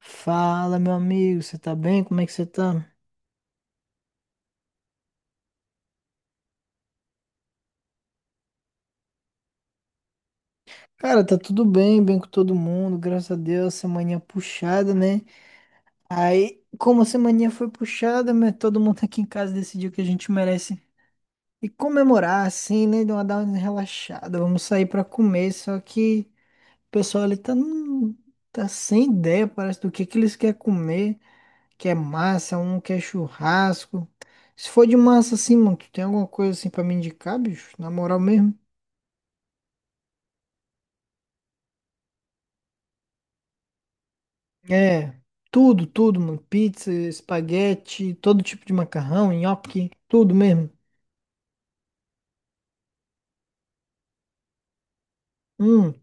Fala, meu amigo, você tá bem? Como é que você tá? Cara, tá tudo bem, bem com todo mundo, graças a Deus, semaninha puxada, né? Aí, como a semaninha foi puxada, né, todo mundo aqui em casa decidiu que a gente merece e comemorar, assim, né? Dar uma relaxada, vamos sair pra comer, só que o pessoal ali tá, tá sem ideia, parece, do que eles querem comer, quer massa, um quer churrasco. Se for de massa, assim, mano, tu tem alguma coisa assim pra me indicar, bicho? Na moral mesmo. É, tudo, tudo, mano. Pizza, espaguete, todo tipo de macarrão, nhoque, tudo mesmo. Hum,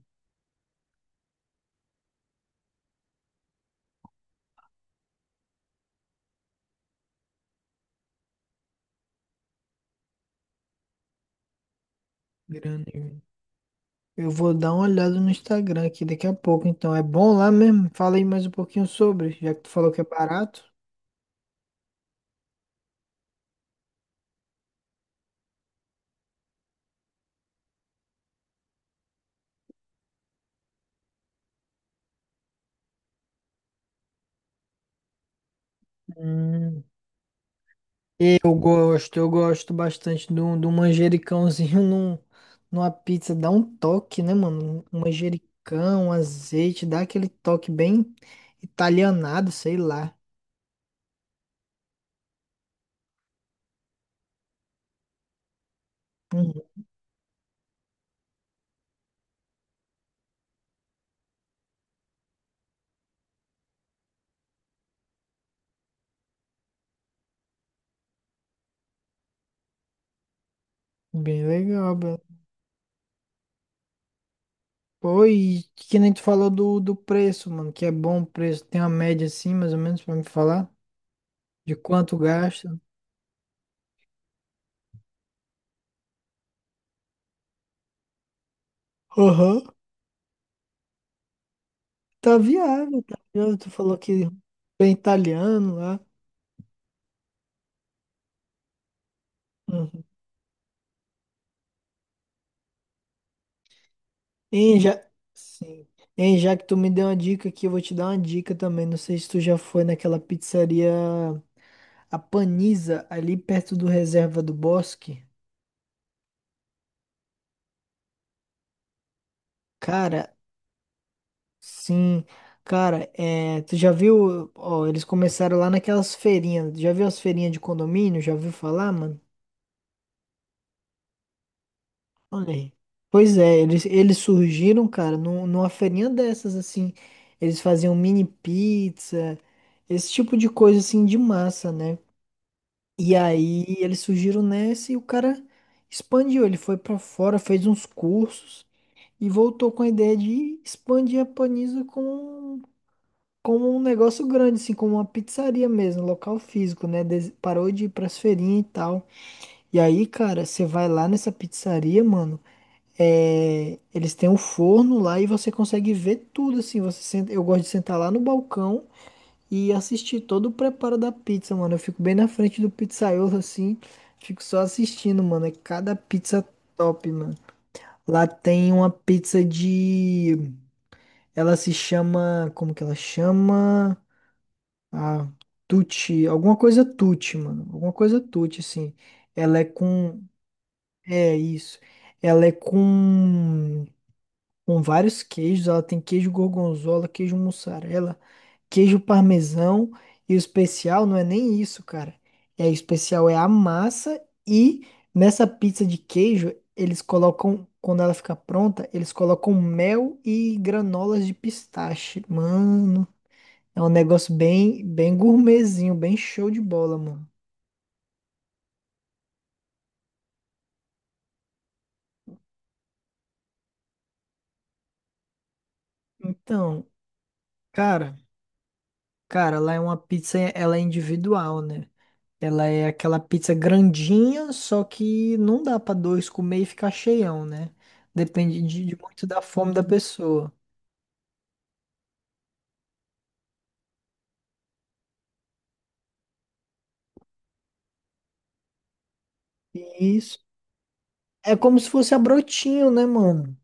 grande. Eu vou dar uma olhada no Instagram aqui daqui a pouco, então. É bom lá mesmo? Fala aí mais um pouquinho sobre, já que tu falou que é barato. Hum, eu gosto bastante de um, manjericãozinho numa pizza. Dá um toque, né, mano? Um manjericão, um azeite, dá aquele toque bem italianado, sei lá. Uhum. Bem legal, bem. Oi, que nem tu falou do preço, mano, que é bom o preço. Tem uma média assim, mais ou menos, pra me falar? De quanto gasta? Aham. Tá viável, tá viável. Tu falou que bem italiano lá. Uhum. Hein, já... Sim. Hein, já que tu me deu uma dica aqui, eu vou te dar uma dica também. Não sei se tu já foi naquela pizzaria, a Paniza, ali perto do Reserva do Bosque. Cara. Sim, cara, é, tu já viu, ó, eles começaram lá naquelas feirinhas, já viu as feirinhas de condomínio, já viu falar, mano? Olha aí. Pois é, eles surgiram, cara, numa feirinha dessas, assim, eles faziam mini pizza, esse tipo de coisa, assim, de massa, né? E aí eles surgiram nessa e o cara expandiu, ele foi pra fora, fez uns cursos e voltou com a ideia de expandir a Panisa como um negócio grande, assim, como uma pizzaria mesmo, local físico, né? Parou de ir pras feirinhas e tal. E aí, cara, você vai lá nessa pizzaria, mano. É, eles têm um forno lá e você consegue ver tudo, assim. Você senta, eu gosto de sentar lá no balcão e assistir todo o preparo da pizza, mano. Eu fico bem na frente do pizzaiolo, assim. Fico só assistindo, mano. É cada pizza top, mano. Lá tem uma pizza de. Ela se chama. Como que ela chama? A Tucci, alguma coisa Tucci, mano. Alguma coisa Tucci, assim. Ela é com. É isso. Ela é com. Com vários queijos. Ela tem queijo gorgonzola, queijo mussarela, queijo parmesão. E o especial não é nem isso, cara. É, o especial é a massa. E nessa pizza de queijo, eles colocam. Quando ela fica pronta, eles colocam mel e granolas de pistache. Mano. É um negócio bem, bem gourmetzinho, bem show de bola, mano. Então, cara, cara, lá é uma pizza, ela é individual, né? Ela é aquela pizza grandinha, só que não dá pra dois comer e ficar cheião, né? Depende de muito da fome da pessoa. Isso. É como se fosse a brotinho, né, mano?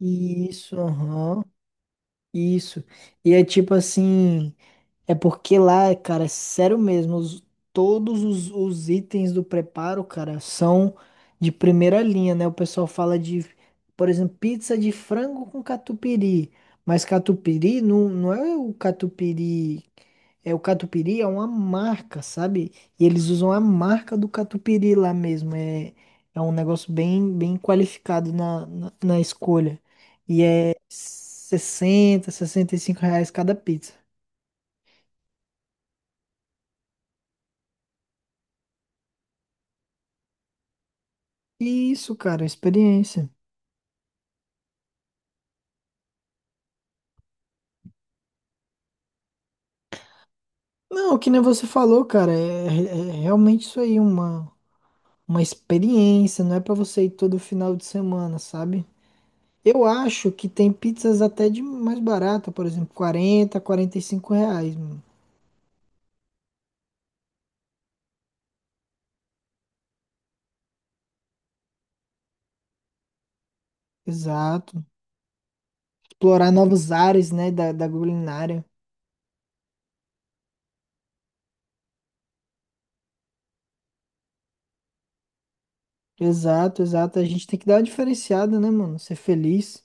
Isso, aham. Isso. E é tipo assim. É porque lá, cara, é sério mesmo, todos os, itens do preparo, cara, são de primeira linha, né? O pessoal fala de, por exemplo, pizza de frango com catupiry, mas catupiry não, não é o catupiry, é o catupiry é uma marca, sabe? E eles usam a marca do catupiry lá mesmo, é, é um negócio bem, bem qualificado na, na escolha. E é R$ 65 cada pizza. Isso, cara, experiência. Não, que nem você falou, cara, é, é realmente isso aí, uma, experiência, não é pra você ir todo final de semana, sabe? Eu acho que tem pizzas até de mais barata, por exemplo, R$ 45, mano. Exato. Explorar novos ares, né, da, culinária. Exato, exato. A gente tem que dar uma diferenciada, né, mano? Ser feliz.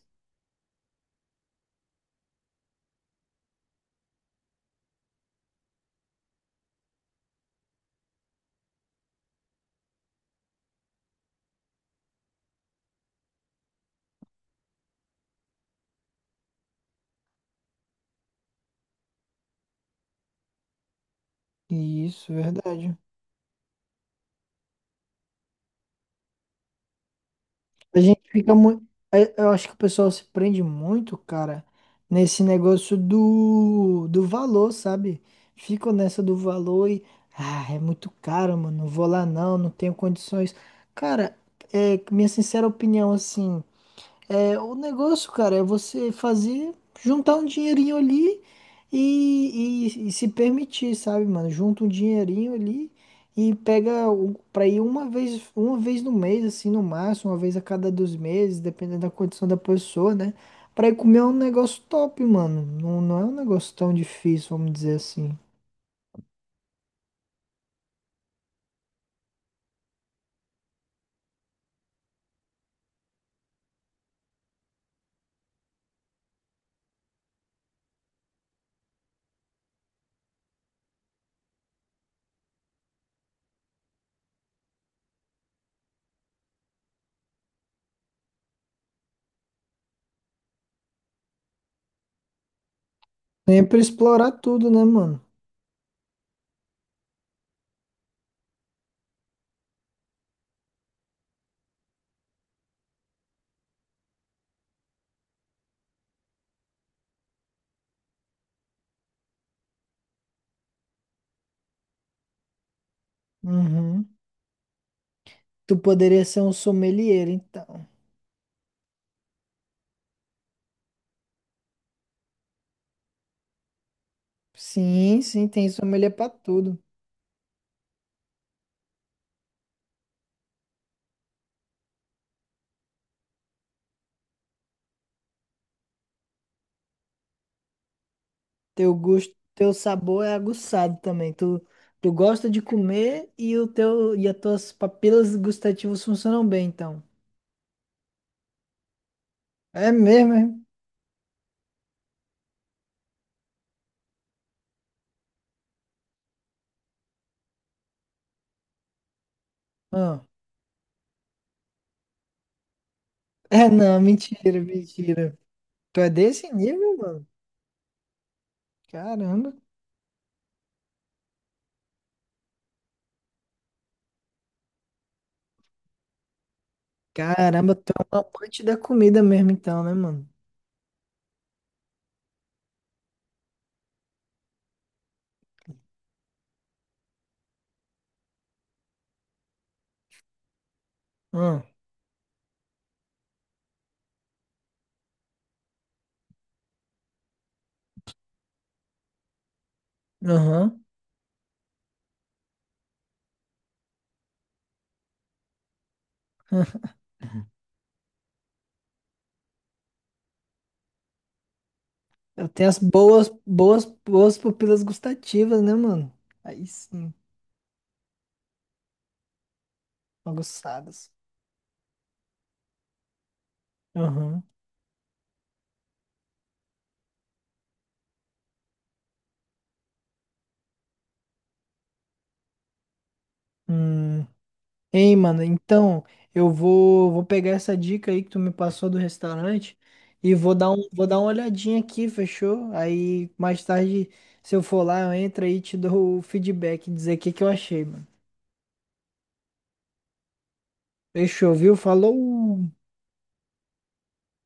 Isso, verdade. A gente fica muito. Eu acho que o pessoal se prende muito, cara, nesse negócio do valor, sabe? Ficam nessa do valor e. Ah, é muito caro, mano. Não vou lá não, não tenho condições. Cara, é minha sincera opinião, assim. É, o negócio, cara, é você fazer, juntar um dinheirinho ali e, e se permitir, sabe, mano? Junta um dinheirinho ali e pega pra ir uma vez no mês, assim, no máximo, uma vez a cada 2 meses, dependendo da condição da pessoa, né? Pra ir comer um negócio top, mano. Não, não é um negócio tão difícil, vamos dizer assim. Sempre explorar tudo, né, mano? Uhum. Tu poderia ser um sommelier, então. Sim, sim, tem sommelier pra tudo. Teu gosto, teu sabor é aguçado também. Tu, tu gosta de comer e o teu e as tuas papilas gustativas funcionam bem, então. É mesmo, é? Ah. É, não, mentira, mentira. Tu é desse nível, mano? Caramba. Caramba, tu é um amante da comida mesmo, então, né, mano? Ah. Aham. Eu tenho as boas, boas, boas papilas gustativas, né, mano? Aí sim, aguçadas. Aham. Hum. Ei, mano, então eu vou pegar essa dica aí que tu me passou do restaurante e vou dar uma olhadinha aqui, fechou? Aí mais tarde, se eu for lá, eu entro aí e te dou o feedback, dizer o que que eu achei, mano. Fechou, viu? Falou!